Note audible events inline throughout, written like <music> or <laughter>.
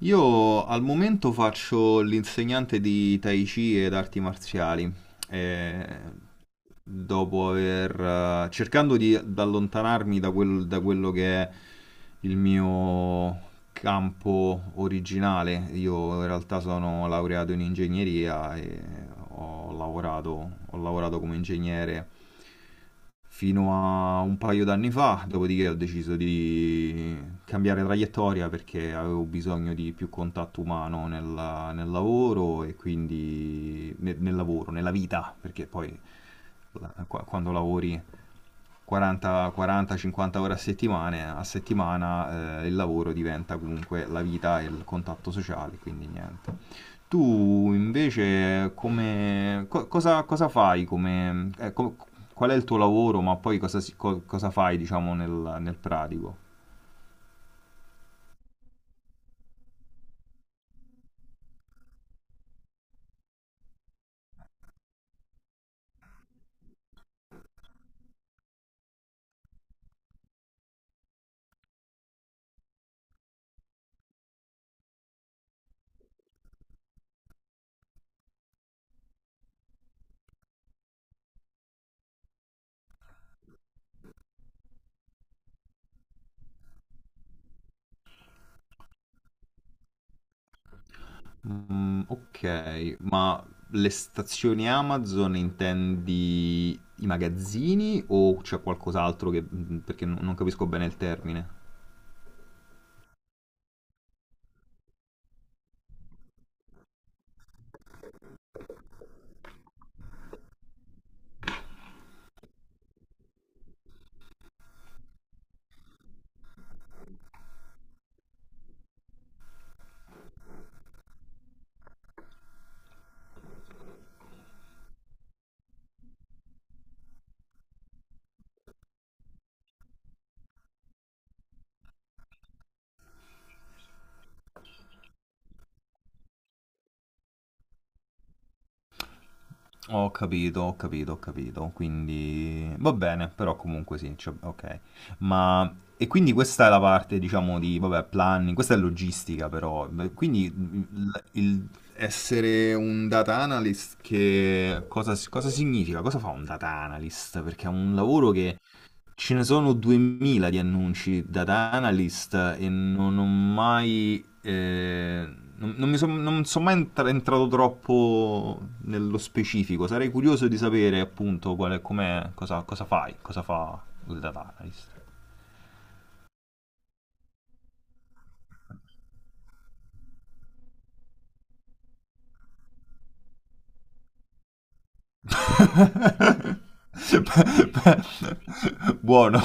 Io al momento faccio l'insegnante di Tai Chi ed arti marziali, eh, dopo aver, cercando di allontanarmi da, da quello che è il mio campo originale. Io in realtà sono laureato in ingegneria e ho lavorato come ingegnere fino a un paio d'anni fa, dopodiché ho deciso di cambiare traiettoria perché avevo bisogno di più contatto umano nel lavoro e quindi nel lavoro, nella vita, perché poi quando lavori 40, 40, 50 ore a settimana il lavoro diventa comunque la vita e il contatto sociale, quindi niente. Tu invece come cosa, cosa fai come, qual è il tuo lavoro, ma poi cosa, cosa fai, diciamo, nel, nel pratico? Mm, ok, ma le stazioni Amazon intendi i magazzini o c'è qualcos'altro che mm, perché non capisco bene il termine. Ho capito, ho capito, ho capito. Quindi va bene, però comunque sì, cioè, ok. Ma e quindi questa è la parte, diciamo, di vabbè, planning, questa è logistica però. Beh, quindi il essere un data analyst che cosa, cosa significa? Cosa fa un data analyst? Perché è un lavoro che ce ne sono 2000 di annunci da analyst e non ho mai non mi non sono mai entrato troppo nello specifico. Sarei curioso di sapere appunto qual è, com'è, cosa, cosa fai, cosa fa il data analyst. <laughs> Buono.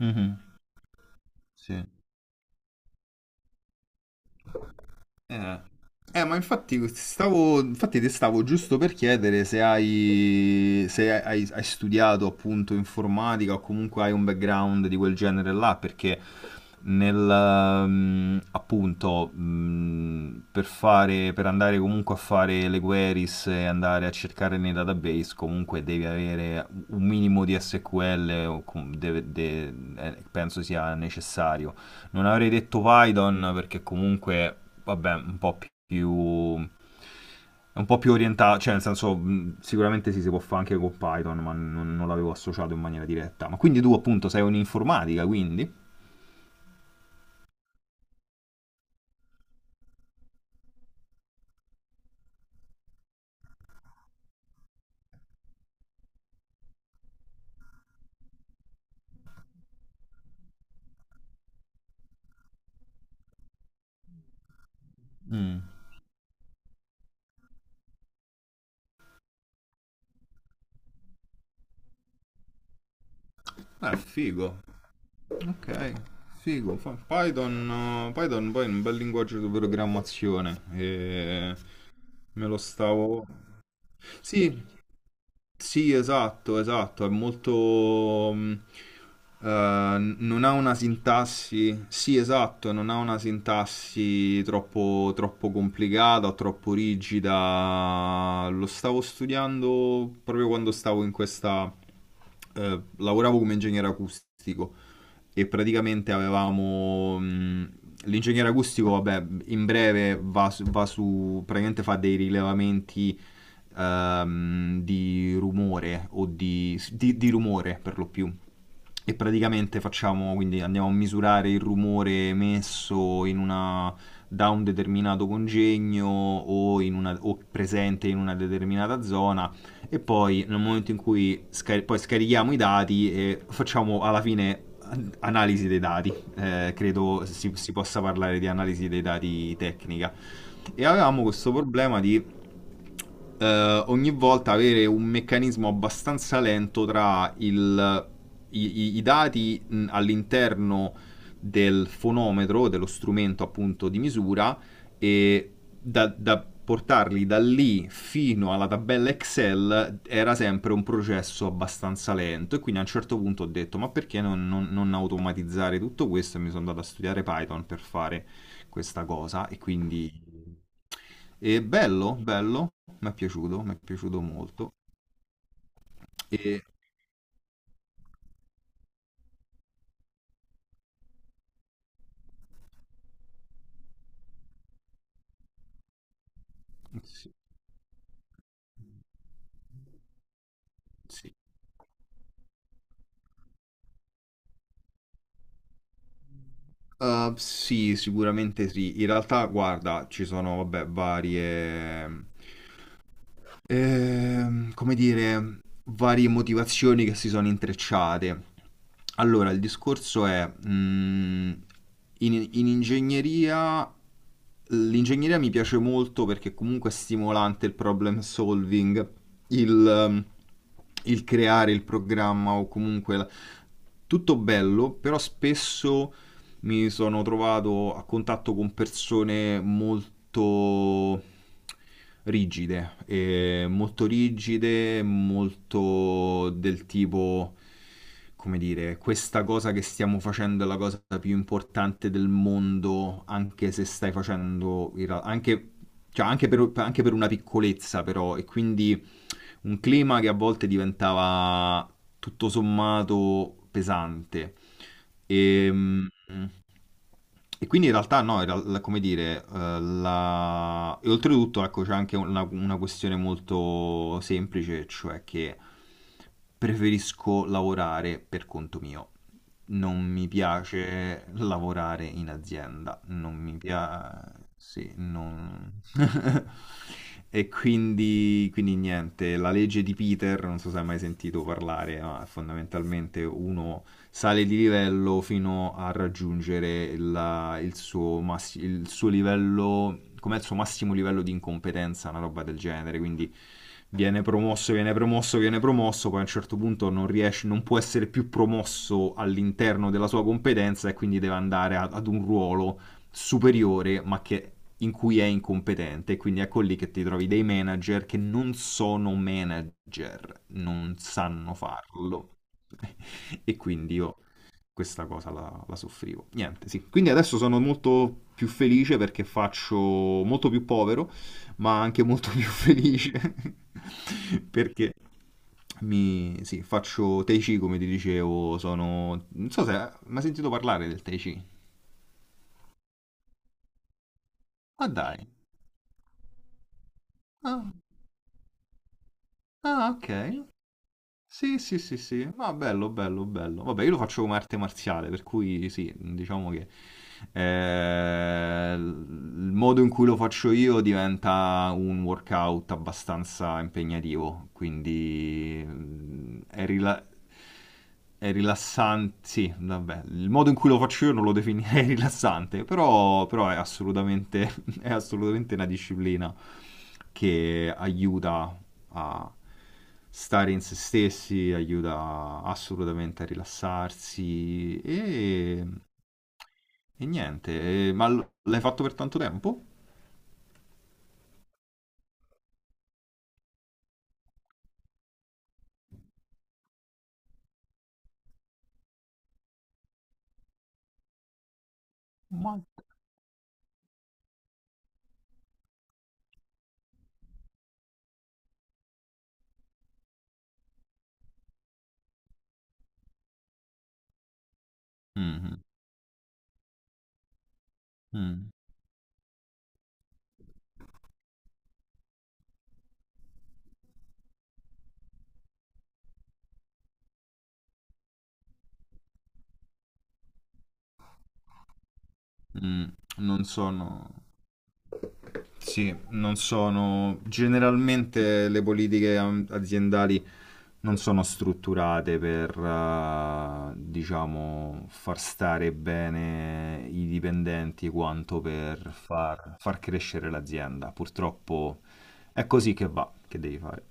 Mhm, sì. Eh, ma infatti stavo, infatti ti stavo giusto per chiedere se hai, hai studiato appunto informatica o comunque hai un background di quel genere là, perché nel, mm, appunto, mm, per fare, per andare comunque a fare le queries e andare a cercare nei database, comunque devi avere un minimo di SQL, o penso sia necessario. Non avrei detto Python perché comunque, vabbè, un po' più è un po' più orientato, cioè nel senso sicuramente sì, si può fare anche con Python, ma non l'avevo associato in maniera diretta. Ma quindi tu appunto sei un'informatica, quindi? Mm. Figo. Ok. Figo. Python, Python poi è un bel linguaggio di programmazione. E me lo stavo Sì, Sì, esatto, esatto, è molto non ha una sintassi Sì, esatto, non ha una sintassi troppo complicata o troppo rigida. Lo stavo studiando proprio quando stavo in questa lavoravo come ingegnere acustico e praticamente avevamo l'ingegnere acustico, vabbè, in breve va, su, praticamente fa dei rilevamenti di rumore o di rumore per lo più. E praticamente facciamo, quindi andiamo a misurare il rumore emesso in una, da un determinato congegno o, in una, o presente in una determinata zona e poi nel momento in cui poi scarichiamo i dati e facciamo alla fine analisi dei dati. Credo si possa parlare di analisi dei dati tecnica. E avevamo questo problema di ogni volta avere un meccanismo abbastanza lento i dati all'interno del fonometro, dello strumento appunto di misura, e da portarli da lì fino alla tabella Excel era sempre un processo abbastanza lento. E quindi a un certo punto ho detto: ma perché non automatizzare tutto questo? E mi sono andato a studiare Python per fare questa cosa e quindi è bello, bello, mi è piaciuto molto. E sì, sì. Sì, sicuramente sì. In realtà, guarda, ci sono, vabbè, varie. Ehm, come dire, varie motivazioni che si sono intrecciate. Allora, il discorso è, mm, in ingegneria, l'ingegneria mi piace molto perché comunque è stimolante il problem solving, il, mm, il creare il programma o comunque tutto bello, però spesso mi sono trovato a contatto con persone molto rigide, molto del tipo, come dire, questa cosa che stiamo facendo è la cosa più importante del mondo, anche se stai facendo, anche, cioè, anche per una piccolezza però, e quindi un clima che a volte diventava tutto sommato pesante. E, mm, e quindi in realtà no, come dire, e oltretutto ecco, c'è anche una questione molto semplice, cioè che preferisco lavorare per conto mio. Non mi piace lavorare in azienda, non mi piace Sì, non <laughs> E quindi, quindi niente, la legge di Peter, non so se hai mai sentito parlare, ma fondamentalmente uno sale di livello fino a raggiungere il suo, il suo livello, com'è il suo massimo livello di incompetenza, una roba del genere, quindi viene promosso, viene promosso, viene promosso, poi a un certo punto non riesce, non può essere più promosso all'interno della sua competenza e quindi deve andare ad un ruolo superiore, ma che, in cui è incompetente. Quindi ecco lì che ti trovi dei manager che non sono manager, non sanno farlo. <laughs> E quindi io questa cosa la soffrivo. Niente, sì. Quindi adesso sono molto più felice perché faccio molto più povero, ma anche molto più <laughs> felice <laughs> perché mi, sì, faccio Tai Chi, come ti dicevo, sono Non so se Ma hai sentito parlare del Tai Chi? Ah dai. Ah. Ah, ok. Sì, sì, sì, sì. Ma bello, bello, bello. Vabbè, io lo faccio come arte marziale, per cui sì, diciamo che il modo in cui lo faccio io diventa un workout abbastanza impegnativo, quindi mm, è rilassante, sì, vabbè, il modo in cui lo faccio io non lo definirei <laughs> rilassante, però, però è assolutamente, <laughs> è assolutamente una disciplina che aiuta a stare in se stessi, aiuta assolutamente a rilassarsi e niente. Ma l'hai fatto per tanto tempo? Ma mhm, mm, mm. Non sono Sì, non sono generalmente le politiche aziendali non sono strutturate per, diciamo, far stare bene i dipendenti quanto per far, far crescere l'azienda. Purtroppo è così che va, che devi fare.